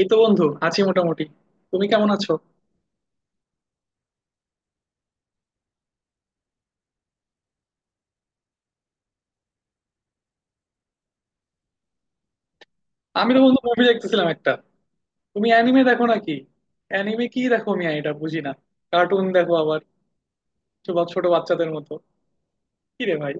এই তো বন্ধু আছি মোটামুটি। তুমি কেমন আছো? আমি তো বন্ধু মুভি দেখতেছিলাম একটা। তুমি অ্যানিমে দেখো নাকি? অ্যানিমে কি দেখো, আমি এটা বুঝি না। কার্টুন দেখো আবার, ছোট ছোট বাচ্চাদের মতো। কি রে ভাই!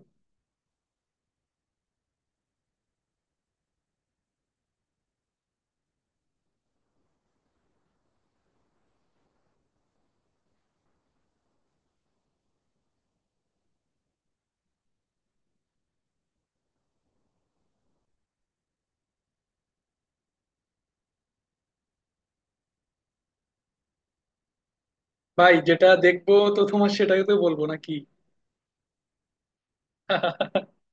ভাই, যেটা দেখবো তো তোমার সেটাকে তো বলবো নাকি?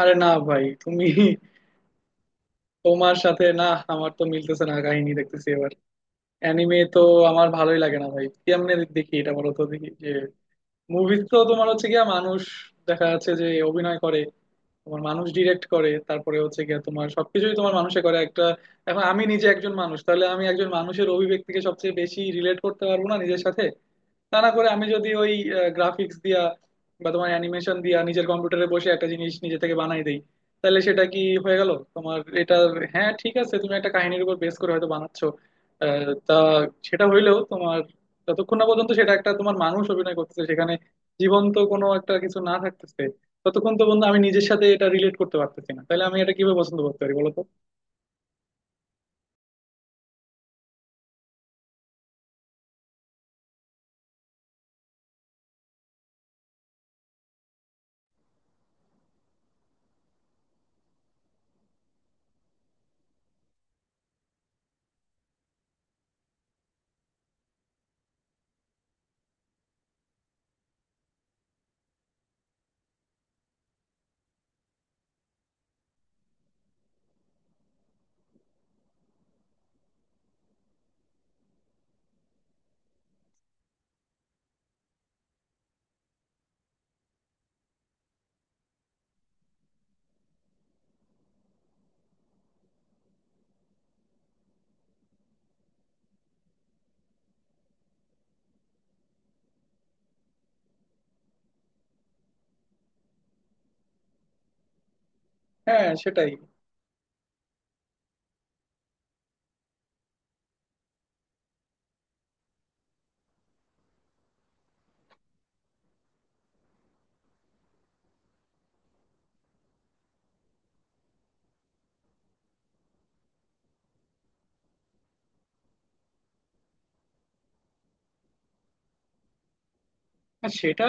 আরে না ভাই, তুমি, তোমার সাথে না আমার তো মিলতেছে না কাহিনী, দেখতেছি এবার অ্যানিমে তো। আমার ভালোই লাগে না ভাই, কেমনে দেখি এটা বলো তো দেখি যে। মুভিজ তো তোমার হচ্ছে গিয়া মানুষ দেখা যাচ্ছে যে অভিনয় করে, তোমার মানুষ ডিরেক্ট করে, তারপরে হচ্ছে গিয়ে তোমার সবকিছুই তোমার মানুষে করে একটা। এখন আমি নিজে একজন মানুষ, তাহলে আমি একজন মানুষের অভিব্যক্তিকে সবচেয়ে বেশি রিলেট করতে পারবো না নিজের সাথে? তা না করে আমি যদি ওই গ্রাফিক্স দিয়া বা তোমার অ্যানিমেশন দিয়া নিজের কম্পিউটারে বসে একটা জিনিস নিজে থেকে বানাই দেই, তাহলে সেটা কি হয়ে গেল তোমার এটা? হ্যাঁ ঠিক আছে, তুমি একটা কাহিনীর উপর বেস করে হয়তো বানাচ্ছো। তা, সেটা হইলেও তোমার, যতক্ষণ না পর্যন্ত সেটা একটা তোমার মানুষ অভিনয় করতেছে সেখানে, জীবন্ত কোনো একটা কিছু না থাকতেছে, ততক্ষণ তো বন্ধু আমি নিজের সাথে এটা রিলেট করতে পারতেছি না, তাহলে আমি এটা কিভাবে পছন্দ করতে পারি বলো তো? হ্যাঁ সেটাই। হ্যাঁ, সেটা।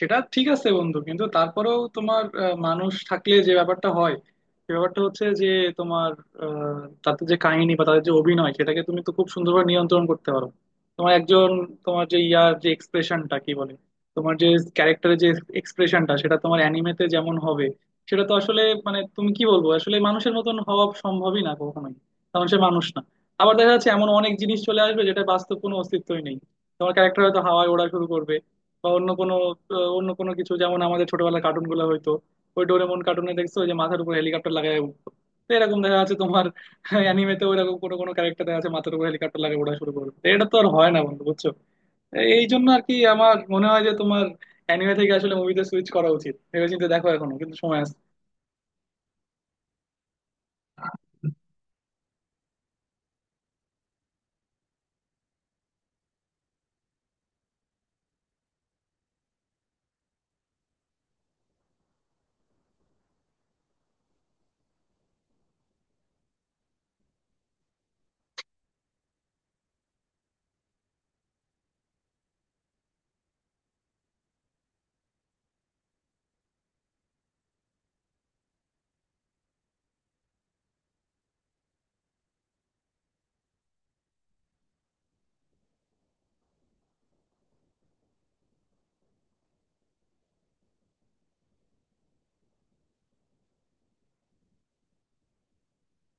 সেটা ঠিক আছে বন্ধু, কিন্তু তারপরেও তোমার মানুষ থাকলে যে ব্যাপারটা হয়, সে ব্যাপারটা হচ্ছে যে তোমার, তাদের যে কাহিনী বা তাদের যে অভিনয় সেটাকে তুমি তো খুব সুন্দরভাবে নিয়ন্ত্রণ করতে পারো। তোমার একজন, তোমার যে ইয়ার যে এক্সপ্রেশনটা কি বলে, তোমার যে ক্যারেক্টারের যে এক্সপ্রেশনটা, সেটা তোমার অ্যানিমেতে যেমন হবে, সেটা তো আসলে, মানে তুমি কি বলবো, আসলে মানুষের মতন হওয়া সম্ভবই না কখনোই, কারণ সে মানুষ না। আবার দেখা যাচ্ছে এমন অনেক জিনিস চলে আসবে যেটা বাস্তব কোনো অস্তিত্বই নেই। তোমার ক্যারেক্টার হয়তো হাওয়ায় ওড়া শুরু করবে বা অন্য কোনো, অন্য কোনো কিছু, যেমন আমাদের ছোটবেলার কার্টুন গুলো হয়তো, ওই ডোরেমন কার্টুনে দেখছো ওই যে মাথার উপর হেলিকপ্টার লাগায় উঠতো। তো এরকম দেখা যাচ্ছে তোমার অ্যানিমেতে ওইরকম কোনো কোনো ক্যারেক্টার দেখা যাচ্ছে, মাথার উপর হেলিকপ্টার লাগে ওড়া শুরু করবে, তো এটা তো আর হয় না বন্ধু বুঝছো। এই জন্য আর কি আমার মনে হয় যে তোমার অ্যানিমে থেকে আসলে মুভিতে সুইচ করা উচিত, ভেবেচিন্তে দেখো, এখনো কিন্তু সময় আছে।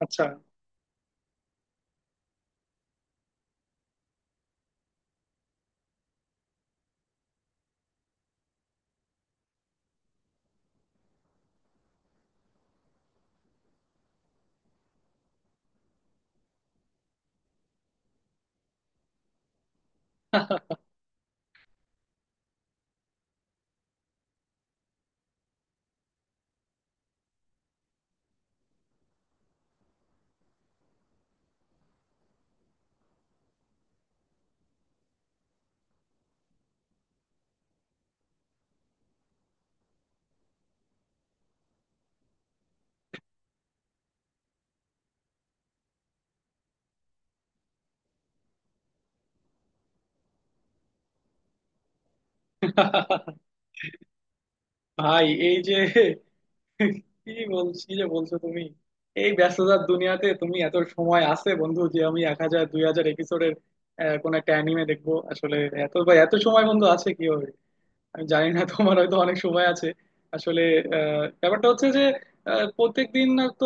আচ্ছা। ভাই এই যে, কি বলছি যে বলছো তুমি, এই ব্যস্ততার দুনিয়াতে তুমি এত সময় আছে বন্ধু যে আমি 1,000 2,000 এপিসোডের কোন একটা অ্যানিমে দেখবো আসলে? এত বা এত সময় বন্ধু আছে, কি হবে? আমি জানি না, তোমার হয়তো অনেক সময় আছে আসলে। ব্যাপারটা হচ্ছে যে প্রত্যেক দিন তো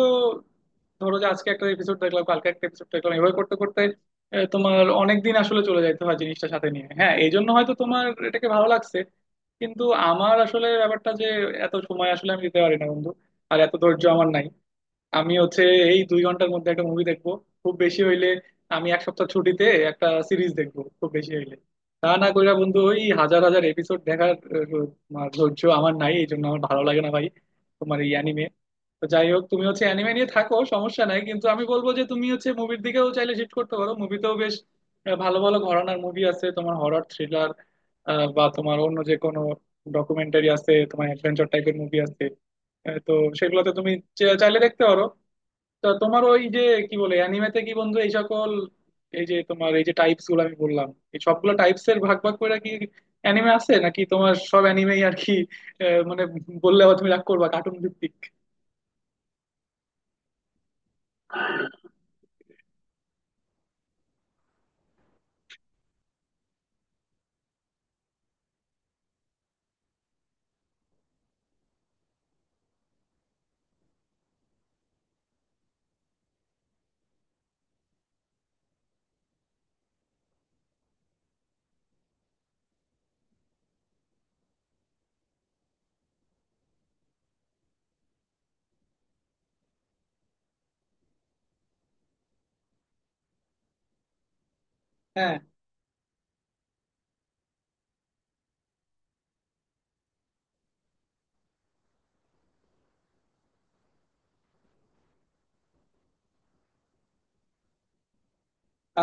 ধরো যে আজকে একটা এপিসোড দেখলাম কালকে একটা এপিসোড দেখলাম, এভাবে করতে করতে তোমার অনেক দিন আসলে চলে যেতে হয় জিনিসটা সাথে নিয়ে। হ্যাঁ এই জন্য হয়তো তোমার এটাকে ভালো লাগছে, কিন্তু আমার আসলে ব্যাপারটা যে এত সময় আসলে আমি দিতে পারি না বন্ধু, আর এত ধৈর্য আমার নাই। আমি হচ্ছে এই 2 ঘন্টার মধ্যে একটা মুভি দেখবো খুব বেশি হইলে, আমি এক সপ্তাহ ছুটিতে একটা সিরিজ দেখবো খুব বেশি হইলে। তা না কইরা বন্ধু ওই হাজার হাজার এপিসোড দেখার তোমার ধৈর্য আমার নাই, এই জন্য আমার ভালো লাগে না ভাই তোমার এই অ্যানিমে। তো যাই হোক, তুমি হচ্ছে অ্যানিমে নিয়ে থাকো, সমস্যা নাই, কিন্তু আমি বলবো যে তুমি হচ্ছে মুভির দিকেও চাইলে শিফট করতে পারো। মুভিতেও বেশ ভালো ভালো ঘরানার মুভি আছে, তোমার হরর থ্রিলার বা তোমার অন্য যে কোনো ডকুমেন্টারি আছে, তোমার অ্যাডভেঞ্চার টাইপের মুভি আছে। তো সেগুলোতে তুমি চাইলে দেখতে পারো। তো তোমার ওই যে কি বলে, অ্যানিমেতে কি বন্ধু এই সকল এই যে তোমার এই যে টাইপস গুলো আমি বললাম, এই সবগুলো টাইপস এর ভাগ ভাগ করে কি অ্যানিমে আছে নাকি তোমার সব অ্যানিমেই আর কি? মানে বললে আবার তুমি রাগ করবা, কার্টুন ভিত্তিক।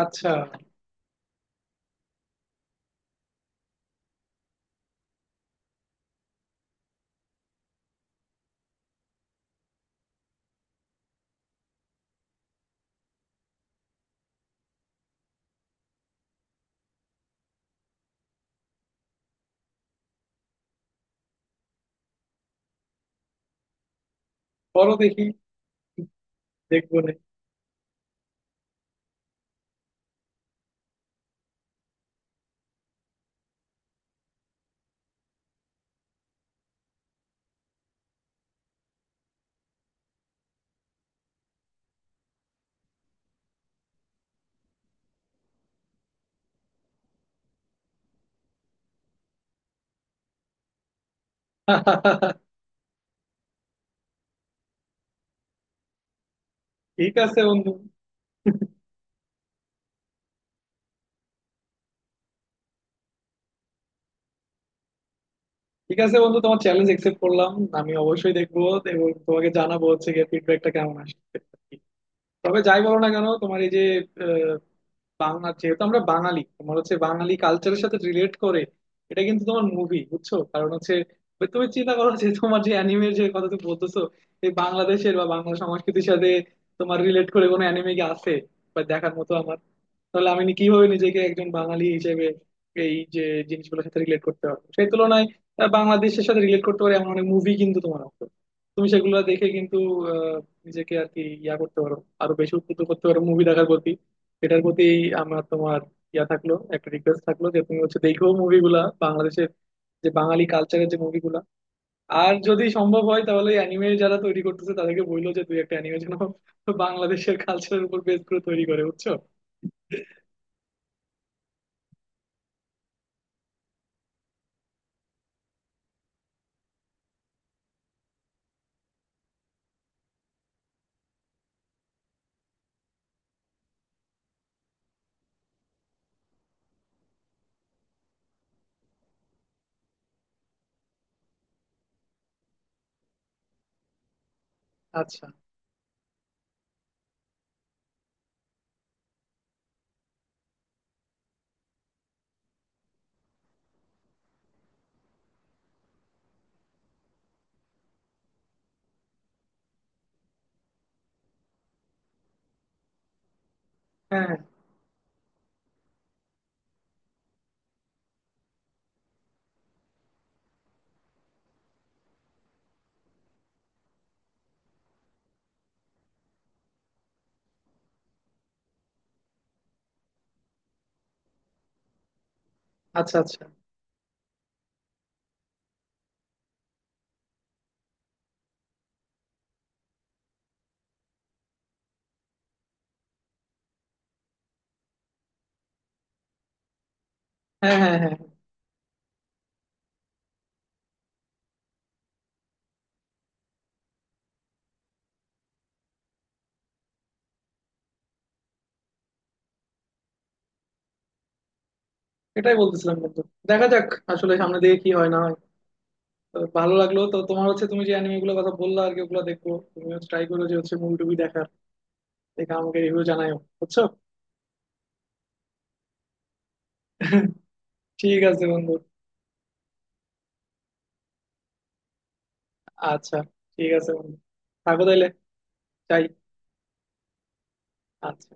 আচ্ছা। বলো দেখি। দেখবো নে। ঠিক আছে বন্ধু। ঠিক আছে বন্ধু, তোমার চ্যালেঞ্জ একসেপ্ট করলাম, আমি অবশ্যই দেখবো এবং তোমাকে জানাবো হচ্ছে গিয়ে ফিডব্যাকটা কেমন আসছে। তবে যাই বলো না কেন তোমার এই যে আহ, বাংলা, যেহেতু আমরা বাঙালি, তোমার হচ্ছে বাঙালি কালচারের সাথে রিলেট করে এটা কিন্তু তোমার মুভি, বুঝছো? কারণ হচ্ছে ওই তুমি চিন্তা করো যে তোমার যে অ্যানিমের যে কথা তুমি বলতেছো, এই বাংলাদেশের বা বাংলা সংস্কৃতির সাথে তোমার রিলেট করে কোনো অ্যানিমে কি আছে বা দেখার মতো আমার? তাহলে আমি কিভাবে নিজেকে একজন বাঙালি হিসেবে এই যে জিনিসগুলোর সাথে রিলেট করতে পারবো সেই তুলনায়? বাংলাদেশের সাথে রিলেট করতে পারে এমন অনেক মুভি কিন্তু তোমার আছে, তুমি সেগুলো দেখে কিন্তু আহ, নিজেকে আর কি ইয়া করতে পারো, আরো বেশি উদ্বুদ্ধ করতে পারো মুভি দেখার প্রতি, এটার প্রতি। আমার, তোমার, ইয়া থাকলো একটা রিকোয়েস্ট থাকলো যে তুমি হচ্ছে দেখো মুভিগুলা বাংলাদেশের, যে বাঙালি কালচারের যে মুভিগুলা। আর যদি সম্ভব হয় তাহলে অ্যানিমে যারা তৈরি করতেছে তাদেরকে বললো যে দুই একটা অ্যানিমে যেন বাংলাদেশের কালচারের উপর বেস করে তৈরি করে, বুঝছো? আচ্ছা। হ্যাঁ হ্যাঁ। আচ্ছা আচ্ছা। হ্যাঁ হ্যাঁ হ্যাঁ হ্যাঁ। এটাই বলতেছিলাম বন্ধু। দেখা যাক আসলে সামনে দিকে কি হয় না হয়। তবে ভালো লাগলো তো তোমার হচ্ছে, তুমি যে অ্যানিমে গুলোর কথা বললা আর কি ওগুলো দেখবো, তুমি ট্রাই করো যে হচ্ছে মুভি টুভি দেখার, দেখে আমাকে রিভিউ জানাও বুঝছো। ঠিক আছে বন্ধু। আচ্ছা। ঠিক আছে বন্ধু, থাকো তাইলে, যাই। আচ্ছা।